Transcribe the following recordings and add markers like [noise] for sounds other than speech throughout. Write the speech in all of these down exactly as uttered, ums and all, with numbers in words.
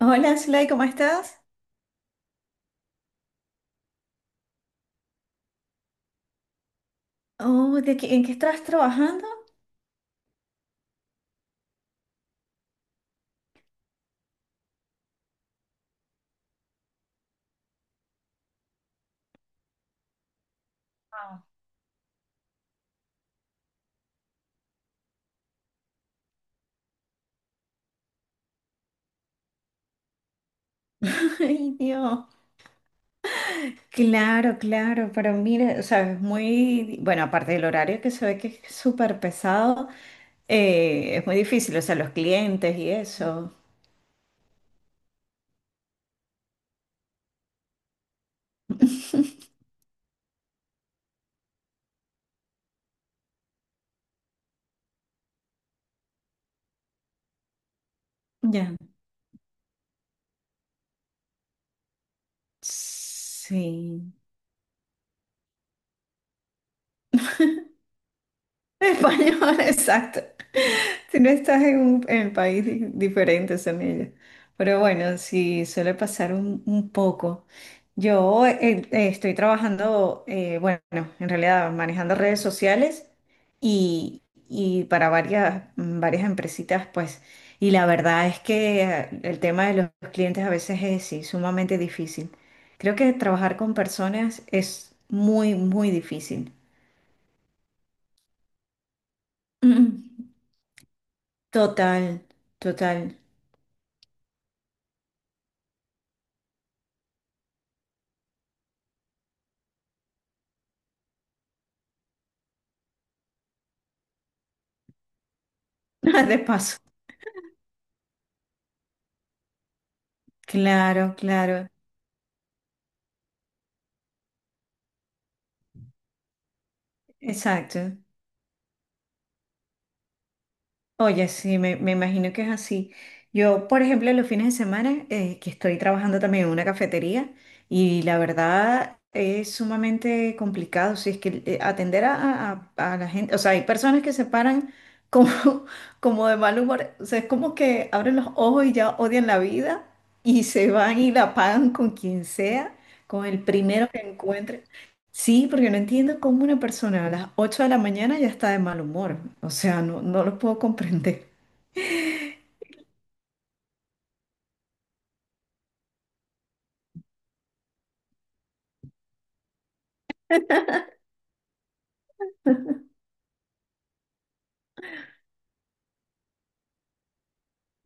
Hola, Zulay, ¿cómo estás? Oh, ¿de qué- ¿en qué estás trabajando? [laughs] Ay, Dios. Claro, claro, pero mira, o sea, es muy, bueno, aparte del horario que se ve que es súper pesado, eh, es muy difícil, o sea, los clientes y eso. Ya. Sí. Español, [laughs] exacto. Si no estás en un en el país di- diferente, son ellos. Pero bueno, sí, suele pasar un, un poco. Yo eh, eh, estoy trabajando, eh, bueno, en realidad manejando redes sociales y, y para varias, mm, varias empresitas, pues. Y la verdad es que eh, el tema de los clientes a veces es, sí, sumamente difícil. Creo que trabajar con personas es muy, muy difícil. [clears throat] Total, total. [laughs] De paso. Claro, claro, exacto. Oye, sí, me, me imagino que es así. Yo, por ejemplo, los fines de semana, eh, que estoy trabajando también en una cafetería, y la verdad es sumamente complicado. Si es que eh, atender a, a- a la gente, o sea, hay personas que se paran como, [laughs] como de mal humor. O sea, es como que abren los ojos y ya odian la vida, y se van y la pagan con quien sea, con el primero que encuentren. Sí, porque no entiendo cómo una persona a las ocho de la mañana ya está de mal humor. O sea, no, no lo puedo comprender.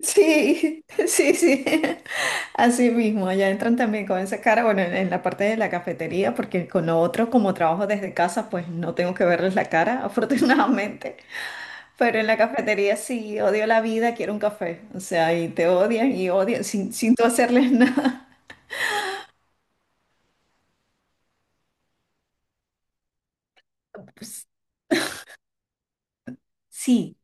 Sí, [laughs] sí, sí. Así mismo, allá entran también con esa cara, bueno, en, en la parte de la cafetería, porque con lo otro, como trabajo desde casa, pues no tengo que verles la cara, [laughs] afortunadamente. Pero en la cafetería, sí, odio la vida, quiero un café. O sea, y te odian y odian sin, sin tú hacerles [laughs] nada. Pues, sí,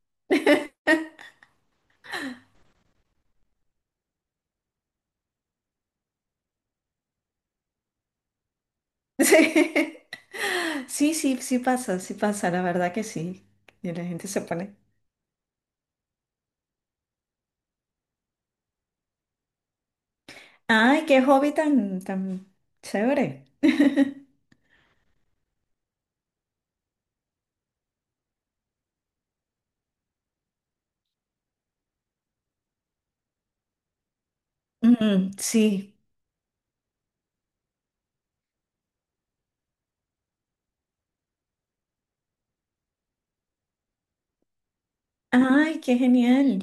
sí, [laughs] sí, sí, sí pasa, sí pasa, la verdad que sí. Y la gente se pone. Ay, qué hobby tan, tan chévere. [laughs] Mm, sí. Ay, qué genial.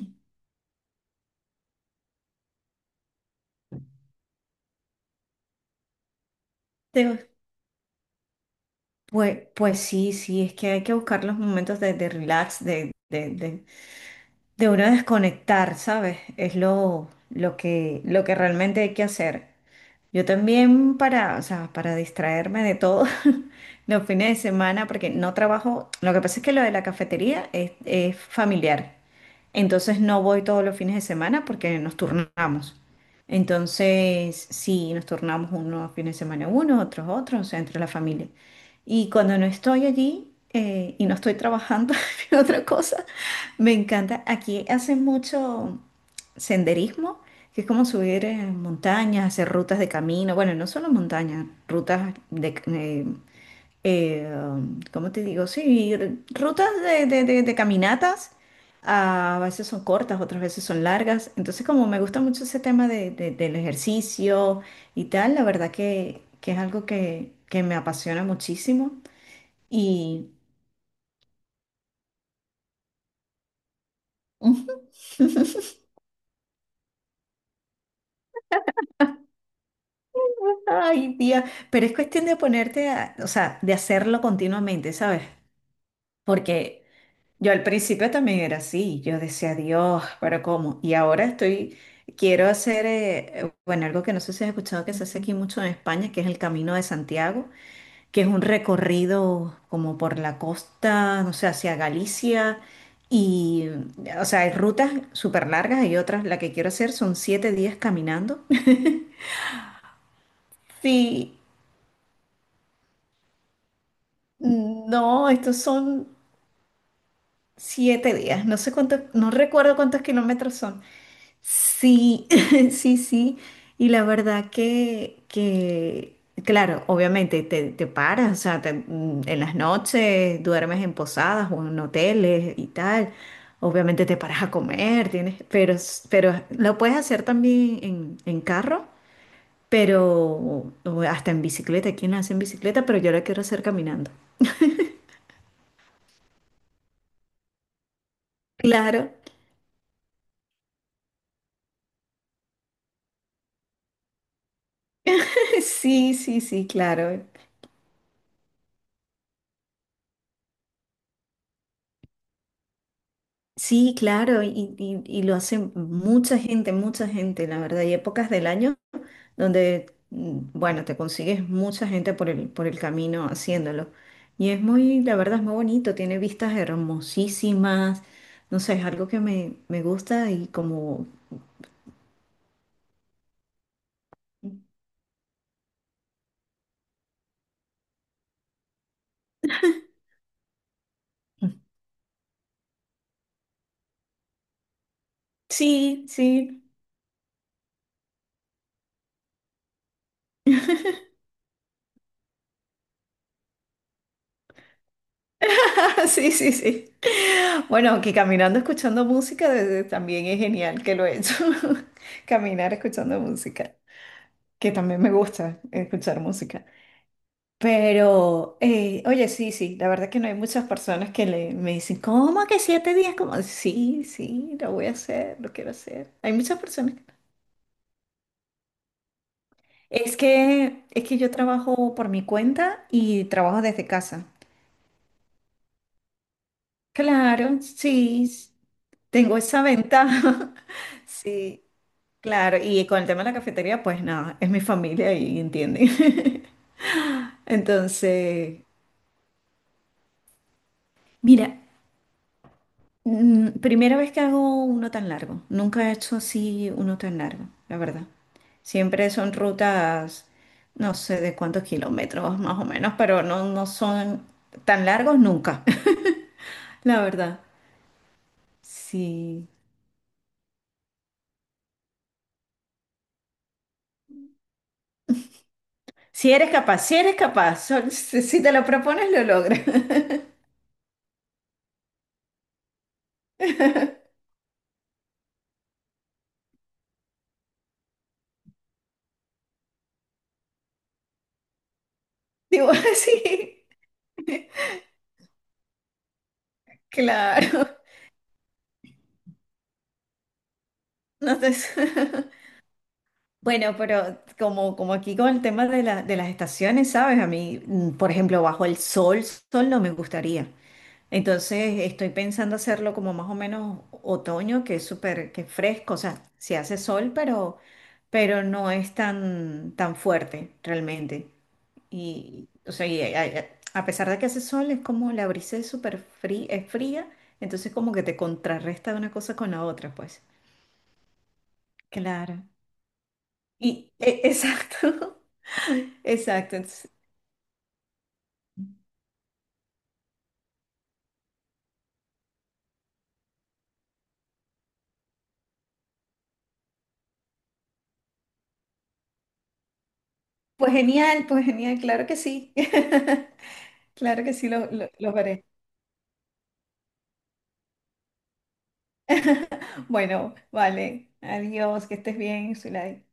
Te- pues, pues, sí, sí, es que hay que buscar los momentos de, de relax, de, de, de, de uno desconectar, ¿sabes? Es lo, lo que, lo que realmente hay que hacer. Yo también para, o sea, para distraerme de todo [laughs] los fines de semana, porque no trabajo. Lo que pasa es que lo de la cafetería es, es familiar, entonces no voy todos los fines de semana porque nos turnamos. Entonces, sí, nos turnamos unos fines de semana uno, otros otros, o sea, entre la familia. Y cuando no estoy allí eh, y no estoy trabajando [laughs] en otra cosa, me encanta. Aquí hacen mucho senderismo, que es como subir eh, montañas, hacer rutas de camino, bueno, no solo montañas, rutas de, c- eh, eh, um, ¿cómo te digo? Sí, r- rutas de, de- de- de caminatas, ah, a veces son cortas, otras veces son largas. Entonces, como me gusta mucho ese tema de- de- del ejercicio y tal, la verdad que, que es algo que, que me apasiona muchísimo y... [laughs] Ay, tía, pero es cuestión de ponerte a- o sea, de hacerlo continuamente, ¿sabes? Porque yo al principio también era así, yo decía, Dios, pero ¿cómo? Y ahora estoy, quiero hacer, eh, bueno, algo que no sé si has escuchado que se hace aquí mucho en España, que es el Camino de Santiago, que es un recorrido como por la costa, no sé, hacia Galicia, y, o sea, hay rutas súper largas y otras. La que quiero hacer son siete días caminando. [laughs] Sí, no, estos son siete días, no sé cuántos, no recuerdo cuántos kilómetros son. Sí, [laughs] sí, sí. Y la verdad que, que claro, obviamente te, te paras, o sea, te- mm, en las noches duermes en posadas o en hoteles y tal. Obviamente te paras a comer, tienes, pero, s- pero lo puedes hacer también en, en carro, pero o hasta en bicicleta. Aquí hace en bicicleta, pero yo lo quiero hacer caminando. Claro, [laughs] sí, sí, sí, claro. Sí, claro, y, y- y lo hace mucha gente, mucha gente, la verdad. Hay épocas del año donde, mm, bueno, te consigues mucha gente por el por el camino haciéndolo. Y es muy, la verdad, es muy bonito, tiene vistas hermosísimas, no sé, es algo que me, me gusta y como... Sí, sí, [laughs] sí, sí, sí. Bueno, que caminando escuchando música desde- también es genial, que lo he hecho. [laughs] Caminar escuchando música, que también me gusta escuchar música. Pero, eh, oye, sí, sí, la verdad que no hay muchas personas que le, me dicen, ¿cómo que siete días? Como, sí, sí, lo voy a hacer, lo quiero hacer. Hay muchas personas. Es que, es que yo trabajo por mi cuenta y trabajo desde casa. Claro, sí, s- tengo esa ventaja. [laughs] Sí, claro. Y con el tema de la cafetería, pues nada, es mi familia y entienden. [laughs] Entonces, mira, Mm, primera vez que hago uno tan largo. Nunca he hecho así uno tan largo, la verdad. Siempre son rutas, no sé de cuántos kilómetros más o menos, pero no, no son tan largos nunca, [laughs] la verdad. Sí. Si eres capaz, si eres capaz, sol- si si te lo propones, lo logras. [laughs] Digo, [laughs] sí, claro. No te- [laughs] Bueno, pero como, como aquí con el tema de la- de las estaciones, ¿sabes? A mí, mm, por ejemplo, bajo el sol, sol no me gustaría. Entonces estoy pensando hacerlo como más o menos otoño, que es súper, que es fresco, o sea, sí hace sol, pero, pero no es tan, tan fuerte realmente. Y, o sea, y a, a- a pesar de que hace sol, es como la brisa es súper fría, es fría, entonces como que te contrarresta una cosa con la otra, pues. Claro. Y, e- exacto, [laughs] exacto. Entonces, pues genial, pues genial, claro que sí. [laughs] Claro que sí, lo, lo, lo veré. Bueno, vale. Adiós, que estés bien, Zulay.